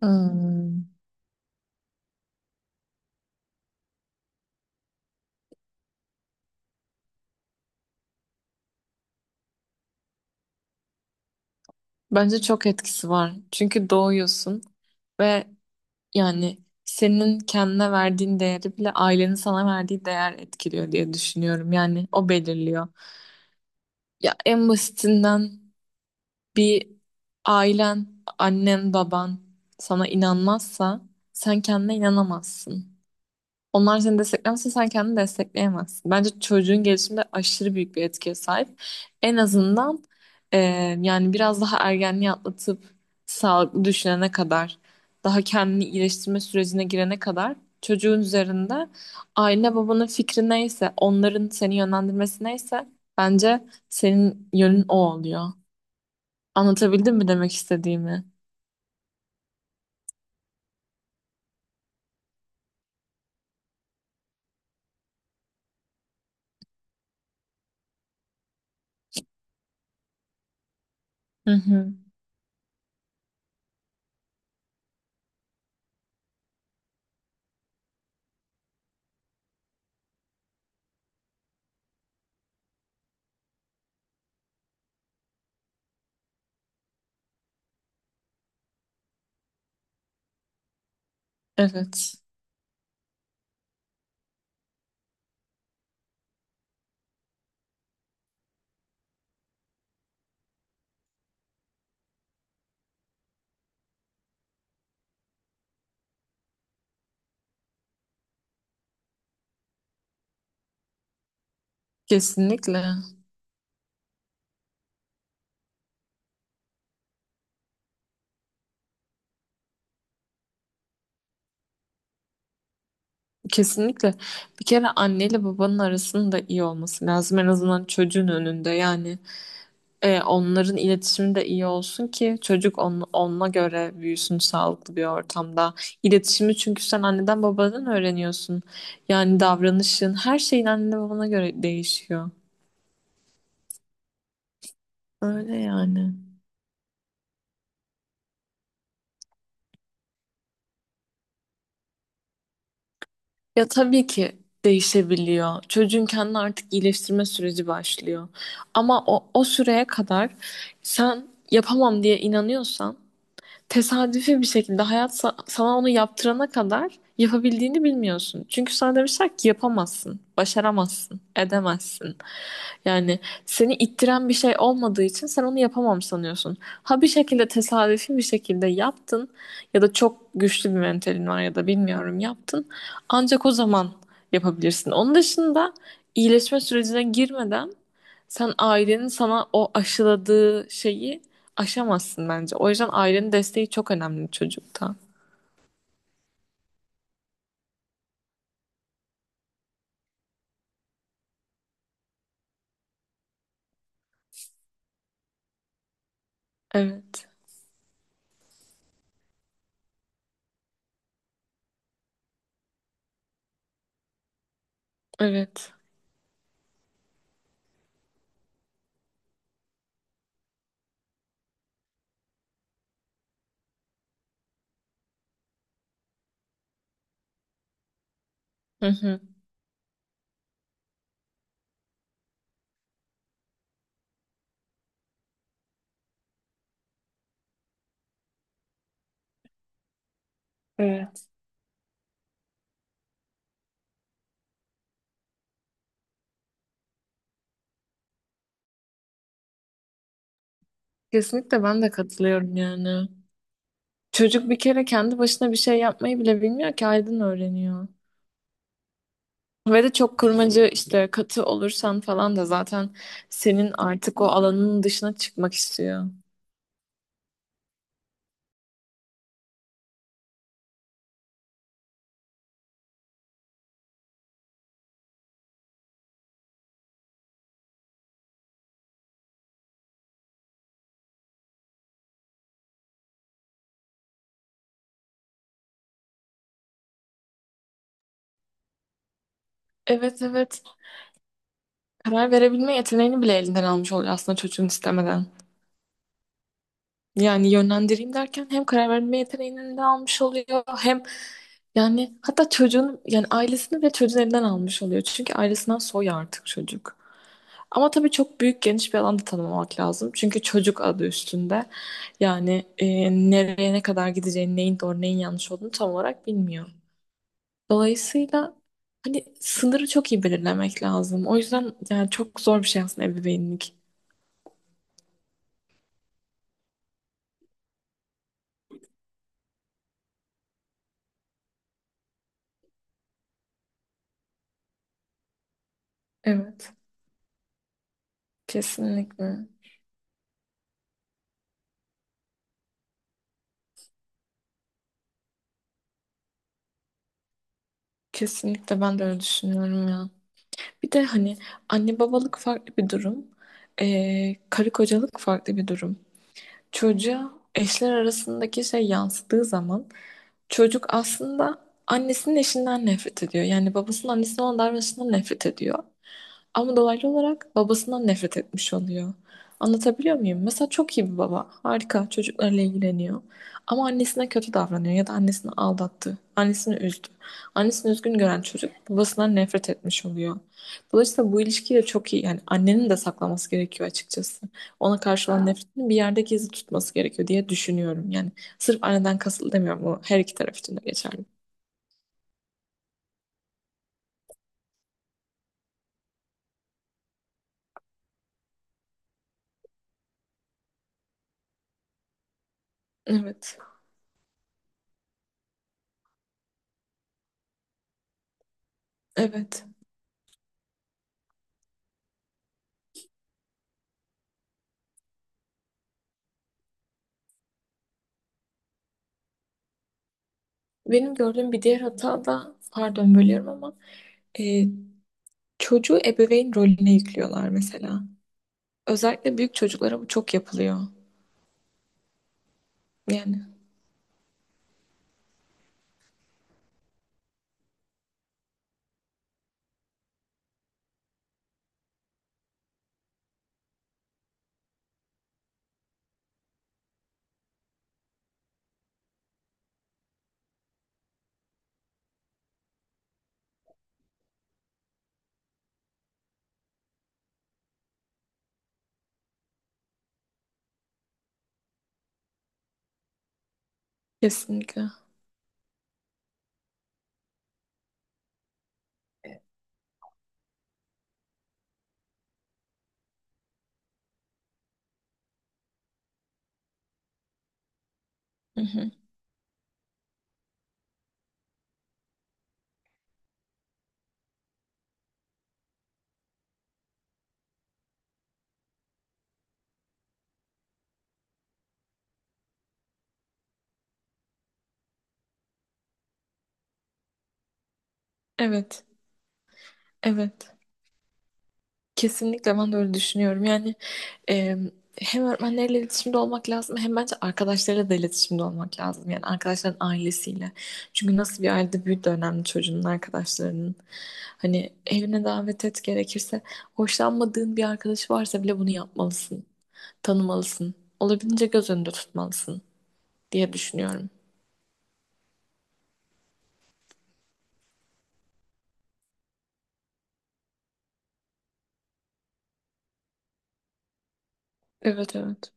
Hmm. Bence çok etkisi var. Çünkü doğuyorsun ve yani senin kendine verdiğin değeri bile ailenin sana verdiği değer etkiliyor diye düşünüyorum. Yani o belirliyor. Ya en basitinden bir ailen, annen, baban sana inanmazsa sen kendine inanamazsın. Onlar seni desteklemezse sen kendini destekleyemezsin. Bence çocuğun gelişiminde aşırı büyük bir etkiye sahip. En azından e, yani biraz daha ergenliği atlatıp sağlıklı düşünene kadar, daha kendini iyileştirme sürecine girene kadar çocuğun üzerinde aile babanın fikri neyse, onların seni yönlendirmesi neyse bence senin yönün o oluyor. Anlatabildim mi demek istediğimi? Hı hı. Evet, kesinlikle. Kesinlikle. Bir kere anneyle babanın arasının da iyi olması lazım. En azından çocuğun önünde. Yani onların iletişimi de iyi olsun ki çocuk onunla göre büyüsün sağlıklı bir ortamda. İletişimi çünkü sen anneden babadan öğreniyorsun. Yani davranışın her şeyin annene babana göre değişiyor. Öyle yani. Ya tabii ki değişebiliyor. Çocuğun kendini artık iyileştirme süreci başlıyor. Ama o süreye kadar sen yapamam diye inanıyorsan tesadüfi bir şekilde sana onu yaptırana kadar yapabildiğini bilmiyorsun. Çünkü sana demişler ki yapamazsın, başaramazsın, edemezsin. Yani seni ittiren bir şey olmadığı için sen onu yapamam sanıyorsun. Ha bir şekilde tesadüfi bir şekilde yaptın ya da çok güçlü bir mentalin var ya da bilmiyorum yaptın. Ancak o zaman yapabilirsin. Onun dışında iyileşme sürecine girmeden sen ailenin sana o aşıladığı şeyi aşamazsın bence. O yüzden ailenin desteği çok önemli çocukta. Evet. Evet. Hı hı. Evet. Kesinlikle ben de katılıyorum yani. Çocuk bir kere kendi başına bir şey yapmayı bile bilmiyor ki Aydın öğreniyor. Ve de çok kurmacı işte katı olursan falan da zaten senin artık o alanının dışına çıkmak istiyor. Evet evet. Karar verebilme yeteneğini bile elinden almış oluyor aslında çocuğun istemeden. Yani yönlendireyim derken hem karar verme yeteneğini de almış oluyor hem yani hatta çocuğun yani ailesini ve çocuğun elinden almış oluyor. Çünkü ailesinden soy artık çocuk. Ama tabii çok büyük geniş bir alanda tanımlamak lazım. Çünkü çocuk adı üstünde. Yani nereye ne kadar gideceğini, neyin doğru neyin yanlış olduğunu tam olarak bilmiyor. Dolayısıyla hani sınırı çok iyi belirlemek lazım. O yüzden yani çok zor bir şey aslında ebeveynlik. Evet, kesinlikle. Kesinlikle ben de öyle düşünüyorum ya. Bir de hani anne babalık farklı bir durum. Karı kocalık farklı bir durum. Çocuğa eşler arasındaki şey yansıdığı zaman çocuk aslında annesinin eşinden nefret ediyor. Yani babasının annesinin olan davranışından nefret ediyor. Ama dolaylı olarak babasından nefret etmiş oluyor. Anlatabiliyor muyum? Mesela çok iyi bir baba. Harika. Çocuklarla ilgileniyor. Ama annesine kötü davranıyor ya da annesini aldattı. Annesini üzdü. Annesini üzgün gören çocuk babasından nefret etmiş oluyor. Dolayısıyla bu ilişkiyi de çok iyi. Yani annenin de saklaması gerekiyor açıkçası. Ona karşı olan nefretini bir yerde gizli tutması gerekiyor diye düşünüyorum. Yani sırf anneden kasıtlı demiyorum. Bu her iki taraf için de geçerli. Evet, evet. Benim gördüğüm bir diğer hata da, pardon bölüyorum ama e, çocuğu ebeveyn rolüne yüklüyorlar mesela. Özellikle büyük çocuklara bu çok yapılıyor. Yani kesinlikle. Hı hı. Evet, evet. Kesinlikle ben de öyle düşünüyorum. Yani Ee, hem öğretmenlerle iletişimde olmak lazım hem bence arkadaşlarıyla da iletişimde olmak lazım. Yani arkadaşların ailesiyle. Çünkü nasıl bir ailede büyüdü önemli çocuğunun arkadaşlarının. Hani evine davet et gerekirse hoşlanmadığın bir arkadaşı varsa bile bunu yapmalısın. Tanımalısın. Olabildiğince göz önünde tutmalısın diye düşünüyorum. Evet evet.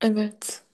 Evet.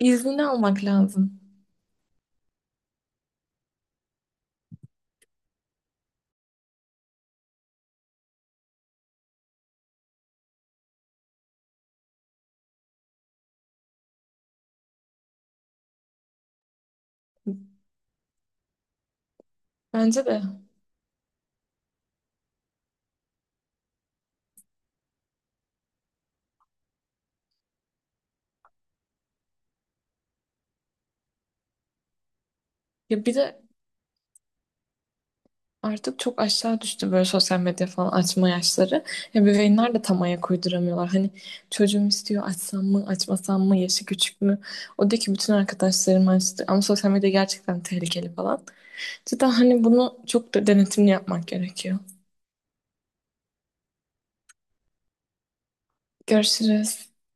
İznini almak lazım. Bence de. Ya bir de artık çok aşağı düştü böyle sosyal medya falan açma yaşları. Ebeveynler de tam ayak uyduramıyorlar. Hani çocuğum istiyor açsam mı açmasam mı yaşı küçük mü? O diyor ki bütün arkadaşlarım açtı ama sosyal medya gerçekten tehlikeli falan. Cidden hani bunu çok da denetimli yapmak gerekiyor. Görüşürüz.